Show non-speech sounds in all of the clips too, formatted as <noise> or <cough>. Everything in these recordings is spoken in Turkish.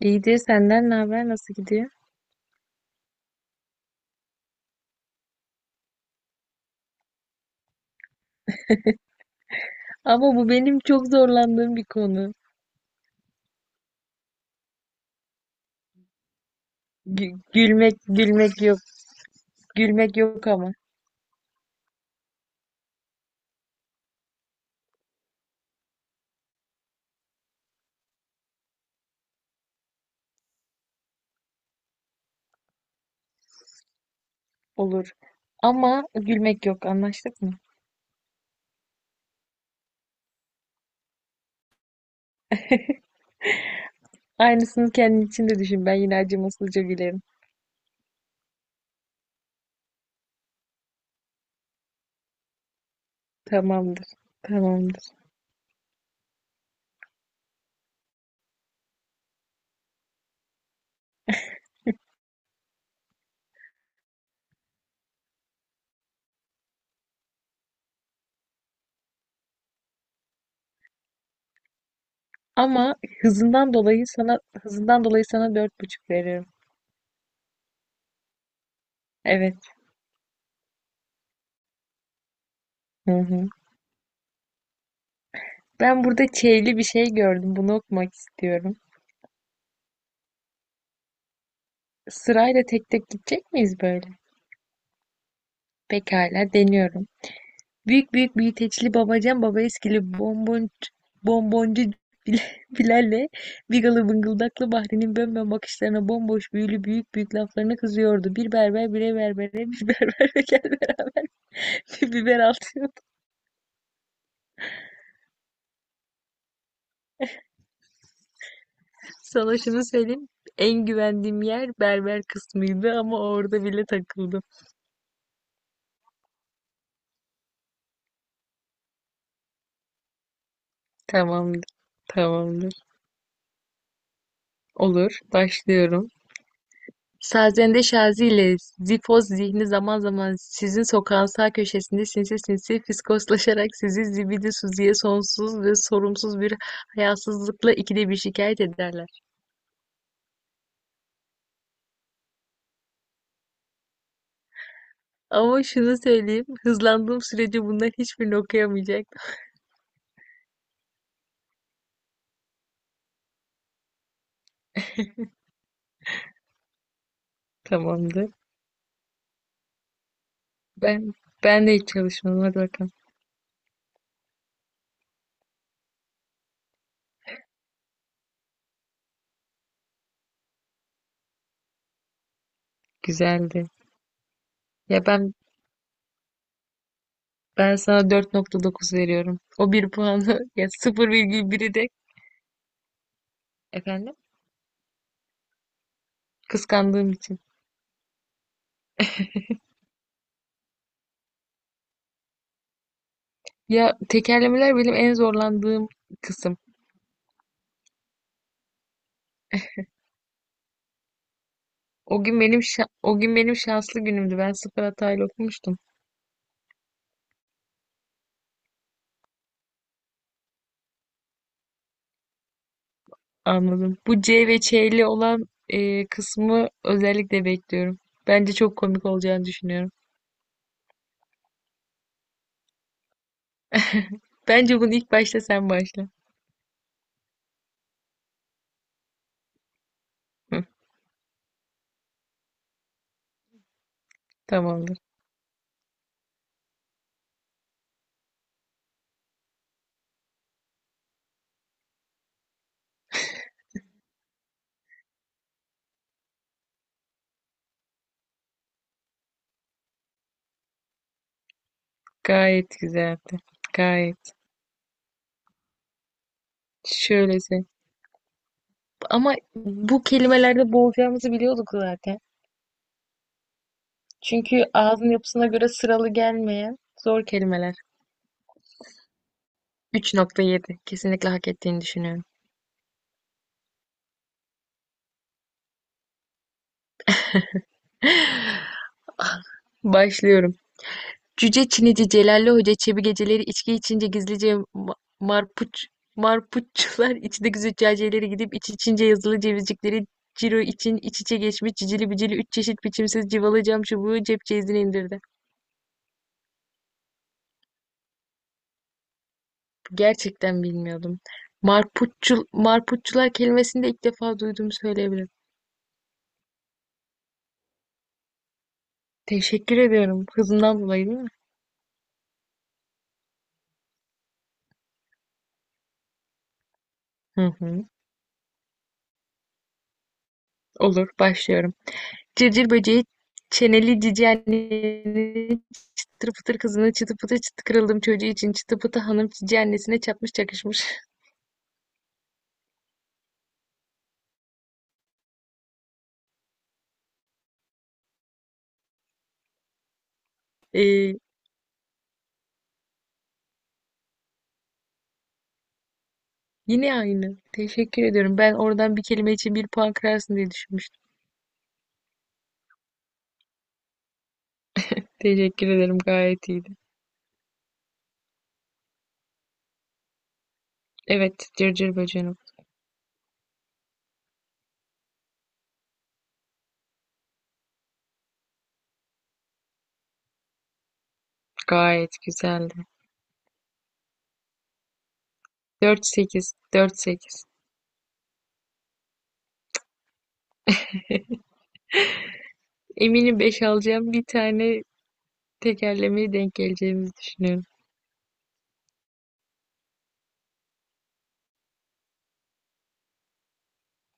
İyidir, senden ne haber, nasıl gidiyor? Ama bu benim çok zorlandığım bir konu. Gülmek yok. Gülmek yok ama olur. Ama gülmek yok, anlaştık mı? Aynısını kendin için de düşün. Ben yine acımasızca gülerim. Tamamdır. Tamamdır. Ama hızından dolayı sana dört buçuk veriyorum. Evet. Hı hı. Ben burada çeyli bir şey gördüm. Bunu okumak istiyorum. Sırayla tek tek gidecek miyiz böyle? Pekala, deniyorum. Büyük büyük büyüteçli babacan baba eskili bonbon, bonboncu Bil- <laughs> Bilal'le Bigalı bıngıldaklı Bahri'nin bönbön bakışlarına bomboş büyülü büyük büyük laflarına kızıyordu. Bir berber bire berbere bir berber <laughs> ve gel beraber bir biber atıyordu. Sana şunu söyleyeyim. En güvendiğim yer berber kısmıydı ama orada bile takıldım. Tamamdır. Tamamdır. Olur. Başlıyorum. Sazende Şazi ile Zifoz Zihni zaman zaman sizin sokağın sağ köşesinde sinsi sinsi fiskoslaşarak sizi zibidi Suzi'ye sonsuz ve sorumsuz bir hayasızlıkla ikide bir şikayet ederler. Ama şunu söyleyeyim, hızlandığım sürece bunlar hiçbirini okuyamayacak. Tamamdır. Ben ben de hiç çalışmadım. Hadi bakalım. Güzeldi. Ya ben ben sana dört nokta dokuz veriyorum. O bir puanı <laughs> ya, sıfır virgül biri de, efendim, kıskandığım için. Ya, tekerlemeler benim en zorlandığım kısım. O gün benim şanslı günümdü. Ben sıfır hatayla okumuştum. Anladım. Bu C ve Ç'li olan kısmı özellikle bekliyorum. Bence çok komik olacağını düşünüyorum. Bence bunu ilk başta sen başla. Hı, tamamdır. Gayet güzeldi. Gayet. Şöylese. Ama bu kelimelerde boğulacağımızı biliyorduk zaten. Çünkü ağzın yapısına göre sıralı gelmeyen zor kelimeler. Üç nokta yedi. Kesinlikle hak ettiğini düşünüyorum. Başlıyorum. Cüce Çinici Celalli Hoca Çebi geceleri içki içince gizlice marpuççular içindeki züccaciyelere gidip iç içince yazılı cevizcikleri ciro için iç içe geçmiş cicili bicili üç çeşit biçimsiz civalı cam çubuğu cep ceyizine indirdi. Gerçekten bilmiyordum. Marpuççular kelimesini de ilk defa duyduğumu söyleyebilirim. Teşekkür ediyorum. Hızından dolayı değil mi? Hı hı. Olur, başlıyorum. Cırcır böceği çeneli cici annenin çıtır pıtır kızına çıtı pıtı çıtı kırıldım çocuğu için. Çıtı pıtı hanım cici annesine çapmış çakışmış. <laughs> Ee, Yine aynı. Teşekkür ediyorum. Ben oradan bir kelime için bir puan kırarsın diye düşünmüştüm. Teşekkür ederim. Gayet iyiydi. Evet. Cırcır bacanım. Gayet güzeldi. 4-8. 4-8. Eminim 5 alacağım. Bir tane tekerlemeye denk geleceğimizi düşünüyorum.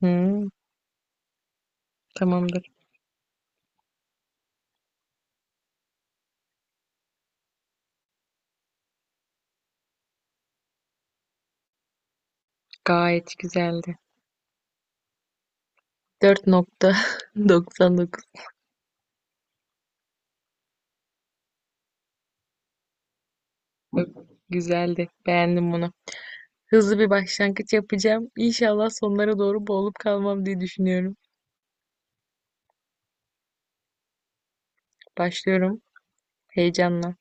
Hmm, Tamamdır. Gayet güzeldi. 4.99. Güzeldi. Beğendim bunu. Hızlı bir başlangıç yapacağım. İnşallah sonlara doğru boğulup kalmam diye düşünüyorum. Başlıyorum heyecanla.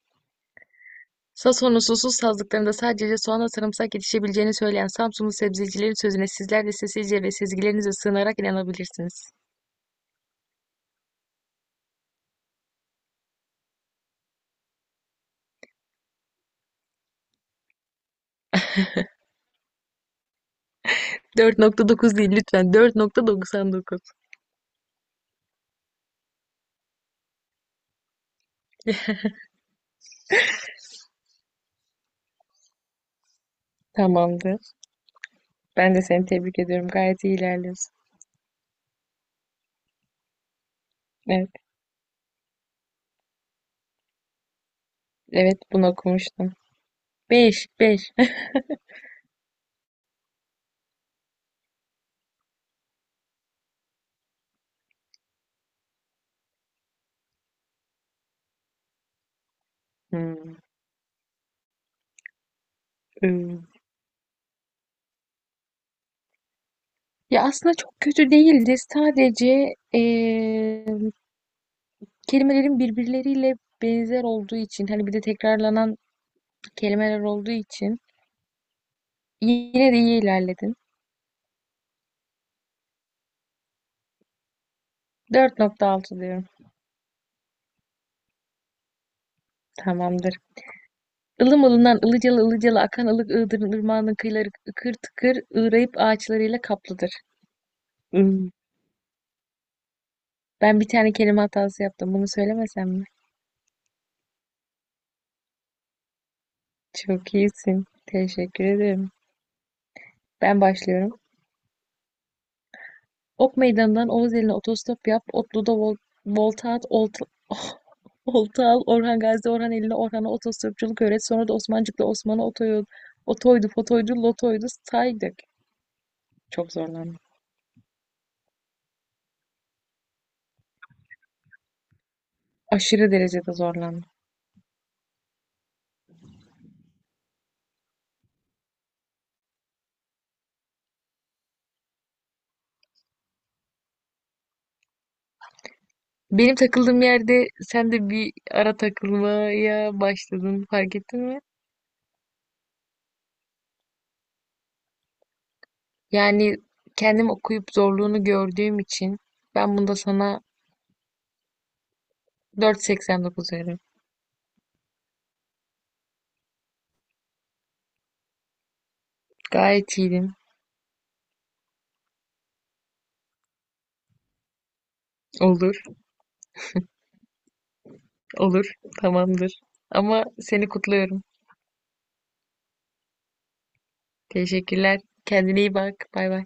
Sason'un susuz sazlıklarında sadece soğanla sarımsak yetişebileceğini söyleyen Samsunlu sebzecilerin sözüne sizler de sessizce ve sezgilerinize sığınarak inanabilirsiniz. 4.9 değil lütfen, 4.99. Tamamdır. Ben de seni tebrik ediyorum. Gayet iyi ilerliyorsun. Evet, evet, bunu okumuştum. 5, 5. <laughs> Hmm. ıı. Ya, aslında çok kötü değildi. Sadece kelimelerin birbirleriyle benzer olduğu için, hani bir de tekrarlanan kelimeler olduğu için yine de iyi ilerledin. Dört nokta altı diyorum. Tamamdır. Ilım ılından ılıcalı ılıcalı akan ılık ığdırın ırmağının kıyıları ıkır tıkır ığrayıp ağaçlarıyla kaplıdır. Hmm. Ben bir tane kelime hatası yaptım. Bunu söylemesem mi? Çok iyisin. Teşekkür ederim. Ben başlıyorum. Ok Meydanı'ndan Oğuz eline otostop yap. Otlu'da volta at. Olta, <laughs> olta al. Orhan Gazi, Orhan eline Orhan'a otostopçuluk öğret. Sonra da Osmancık'la Osman'a otoyol, otoydu, fotoydu, lotoydu, saydık. Çok zorlandım. Aşırı derecede zorlandım. Benim takıldığım yerde sen de bir ara takılmaya başladın, fark ettin mi? Yani kendim okuyup zorluğunu gördüğüm için ben bunda sana 4.89 veririm. Gayet iyiydim. Olur. Olur, tamamdır. Ama seni kutluyorum. Teşekkürler. Kendine iyi bak. Bay bay.